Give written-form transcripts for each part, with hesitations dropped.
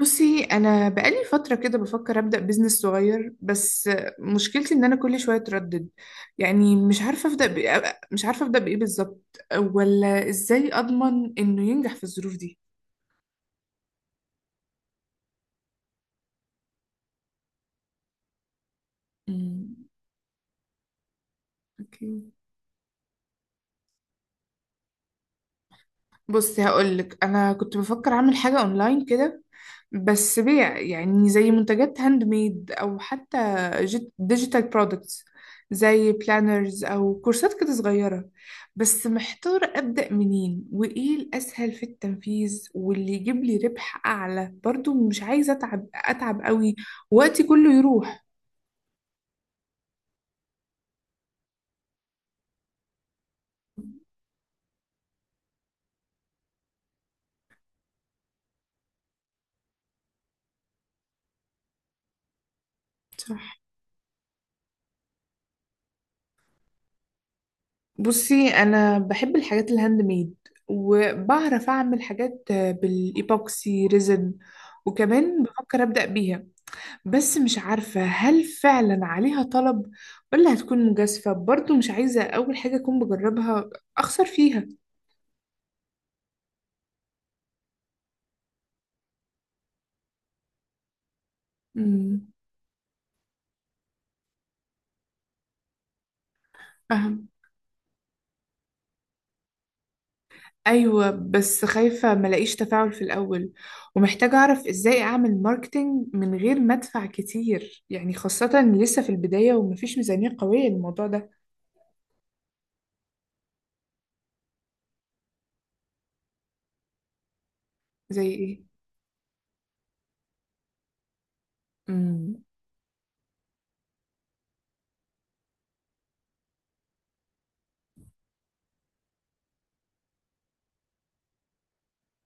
بصي، انا بقالي فتره كده بفكر ابدا بزنس صغير. بس مشكلتي ان انا كل شويه اتردد. يعني مش عارفه ابدا بإيه، مش عارفه ابدا بايه بالظبط، ولا ازاي اضمن انه ينجح في الظروف دي. امم اوكي. بصي هقولك، انا كنت بفكر اعمل حاجه اونلاين كده، بس بيع يعني زي منتجات هاند ميد، او حتى ديجيتال برودكتس، زي بلانرز او كورسات كده صغيره. بس محتاره ابدا منين وايه الاسهل في التنفيذ واللي يجيب لي ربح اعلى، برضو مش عايزه اتعب قوي، وقتي كله يروح. صح. بصي، انا بحب الحاجات الهاند ميد، وبعرف اعمل حاجات بالايبوكسي ريزن، وكمان بفكر ابدا بيها. بس مش عارفه هل فعلا عليها طلب، ولا هتكون مجازفه. برضو مش عايزه اول حاجه اكون بجربها اخسر فيها. امم. فاهم. ايوه، بس خايفه ملاقيش تفاعل في الاول، ومحتاجه اعرف ازاي اعمل ماركتينج من غير ما ادفع كتير، يعني خاصه لسه في البدايه ومفيش ميزانيه قويه للموضوع ده. زي ايه؟ امم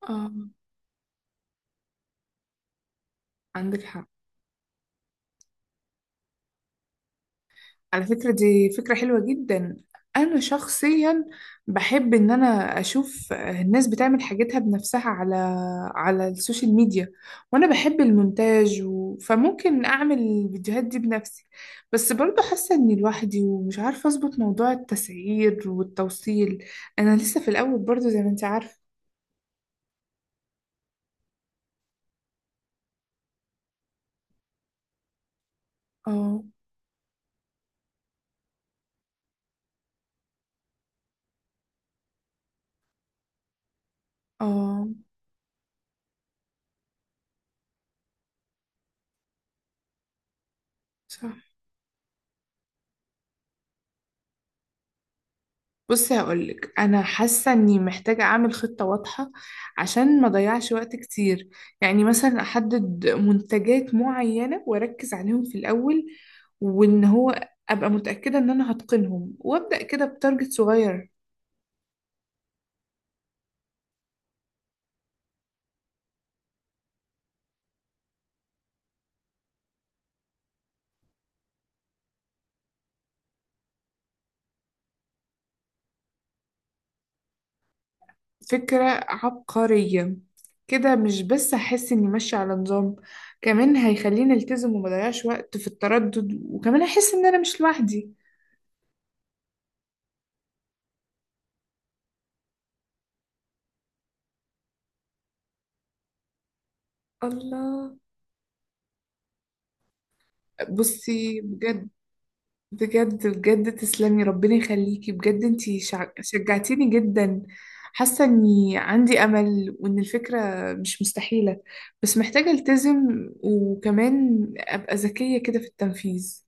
اه. عندك حق. على فكرة دي فكرة حلوة جدا. انا شخصيا بحب ان انا اشوف الناس بتعمل حاجتها بنفسها على، على السوشيال ميديا، وانا بحب المونتاج فممكن اعمل الفيديوهات دي بنفسي. بس برضه حاسة اني لوحدي ومش عارفة اظبط موضوع التسعير والتوصيل، انا لسه في الاول برضه زي ما انت عارفة. اه. اه. صح. بصي هقولك، انا حاسه اني محتاجه اعمل خطه واضحه عشان ما اضيعش وقت كتير. يعني مثلا احدد منتجات معينه واركز عليهم في الاول، وان هو ابقى متاكده ان انا هتقنهم وابدا كده بتارجت صغير. فكره عبقريه! كده مش بس هحس اني ماشيه على نظام، كمان هيخليني التزم وما اضيعش وقت في التردد، وكمان احس ان انا مش لوحدي. الله. بصي بجد، بجد تسلمي، ربنا يخليكي، بجد انتي شجعتيني جدا. حاسه اني عندي امل وان الفكره مش مستحيله، بس محتاجه التزم وكمان ابقى ذكيه كده في التنفيذ.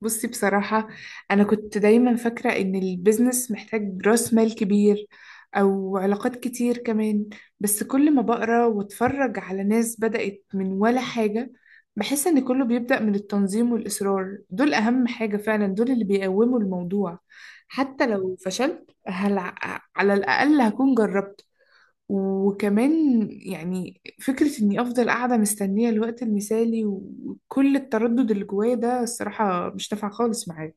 بصي بصراحة، أنا كنت دايما فاكرة إن البيزنس محتاج رأس مال كبير أو علاقات كتير كمان. بس كل ما بقرأ واتفرج على ناس بدأت من ولا حاجة، بحس إن كله بيبدأ من التنظيم والإصرار. دول أهم حاجة فعلا، دول اللي بيقوموا الموضوع. حتى لو فشلت، هل على الأقل هكون جربت. وكمان يعني، فكرة إني أفضل قاعدة مستنية الوقت المثالي وكل التردد اللي جوايا ده، الصراحة مش نافعة خالص معايا.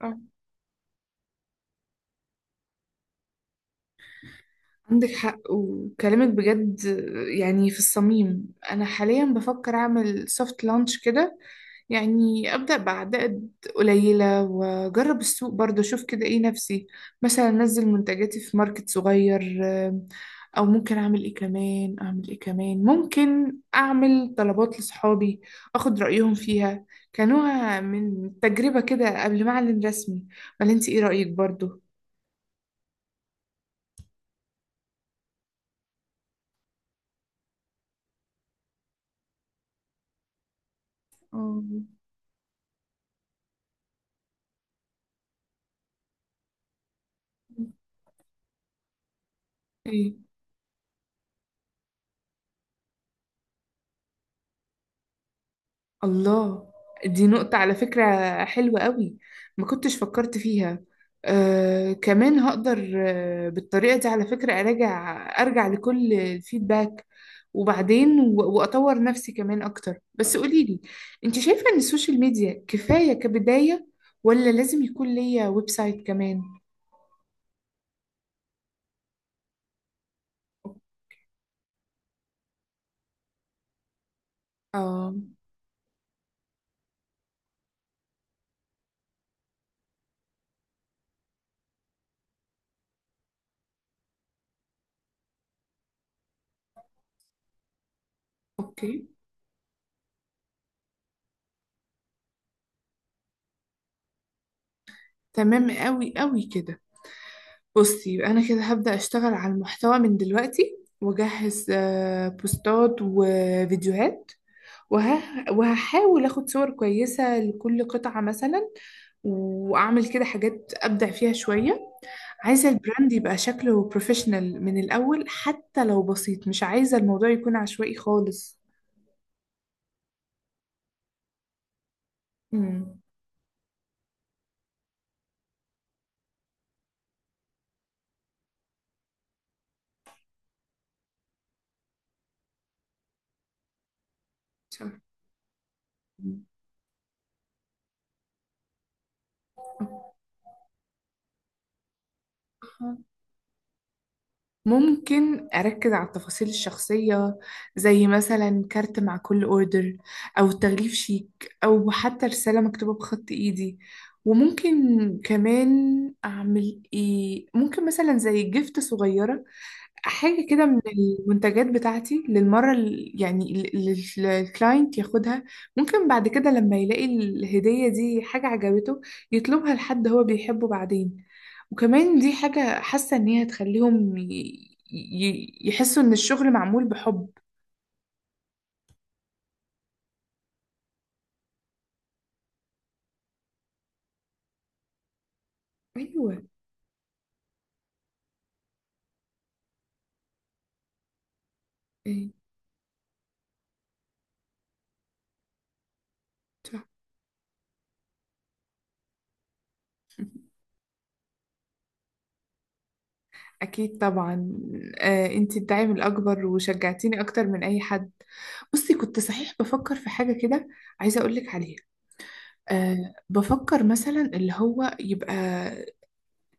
صح. عندك حق وكلامك بجد يعني في الصميم. انا حاليا بفكر اعمل سوفت لانش كده، يعني ابدا بعدد قليله واجرب السوق برضه، اشوف كده ايه نفسي. مثلا انزل منتجاتي في ماركت صغير، آم، او ممكن اعمل ايه كمان، ممكن اعمل طلبات لصحابي اخد رايهم فيها، كنوع من تجربه كده قبل ما اعلن رسمي. ولا انت ايه رايك برضه؟ آه، ايه؟ الله، دي نقطة على فكرة حلوة قوي، ما كنتش فكرت فيها. كمان هقدر، بالطريقة دي على فكرة أراجع، أرجع لكل الفيدباك وبعدين وأطور نفسي كمان أكتر. بس قوليلي، أنت شايفة إن السوشيال ميديا كفاية كبداية، ولا لازم يكون ليا ويب سايت كمان؟ آه. أوكي. تمام، قوي قوي كده. بصي يبقى انا كده هبدأ اشتغل على المحتوى من دلوقتي واجهز بوستات وفيديوهات، وه... وهحاول اخد صور كويسة لكل قطعة مثلا، واعمل كده حاجات ابدع فيها شوية. عايزة البراند يبقى شكله بروفيشنال من الاول، حتى لو بسيط، مش عايزة الموضوع يكون عشوائي خالص. امم. صح. ممكن أركز على التفاصيل الشخصية، زي مثلا كارت مع كل أوردر، أو تغليف شيك، أو حتى رسالة مكتوبة بخط إيدي. وممكن كمان أعمل إيه، ممكن مثلا زي جيفت صغيرة، حاجة كده من المنتجات بتاعتي للمرة يعني للكلاينت ياخدها. ممكن بعد كده لما يلاقي الهدية دي حاجة عجبته، يطلبها لحد هو بيحبه بعدين. وكمان دي حاجة حاسة إن هي هتخليهم يحسوا إن الشغل معمول بحب. أيوة. إيه؟ صح. أكيد طبعا. أنتي الداعم الأكبر وشجعتيني أكتر من أي حد. بصي كنت صحيح بفكر في حاجة كده، عايزة أقولك عليها. أه بفكر مثلا اللي هو يبقى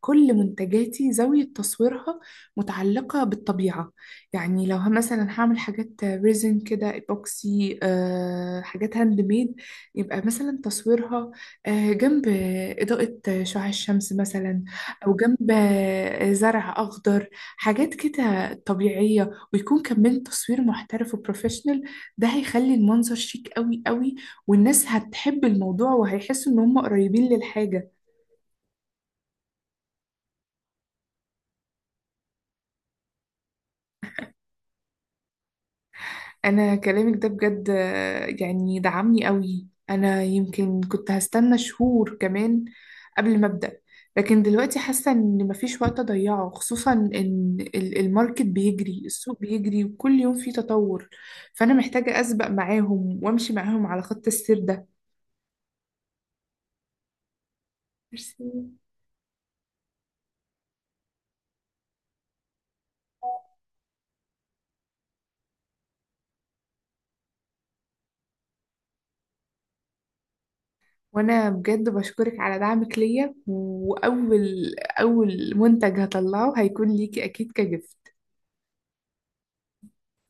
كل منتجاتي زاوية تصويرها متعلقة بالطبيعة. يعني لو مثلا هعمل حاجات ريزن كده ايبوكسي، حاجات هاند ميد، يبقى مثلا تصويرها جنب إضاءة شعاع الشمس مثلا، أو جنب زرع أخضر، حاجات كده طبيعية، ويكون كمان تصوير محترف وبروفيشنال. ده هيخلي المنظر شيك قوي قوي، والناس هتحب الموضوع وهيحسوا إن هم قريبين للحاجة. انا كلامك ده بجد، يعني دعمني قوي. انا يمكن كنت هستنى شهور كمان قبل ما ابدا، لكن دلوقتي حاسه ان مفيش وقت اضيعه، خصوصا ان الماركت بيجري، السوق بيجري وكل يوم فيه تطور. فانا محتاجه اسبق معاهم وامشي معاهم على خط السير ده. ميرسي. وانا بجد بشكرك على دعمك ليا، واول منتج هطلعه هيكون ليكي اكيد كجفت.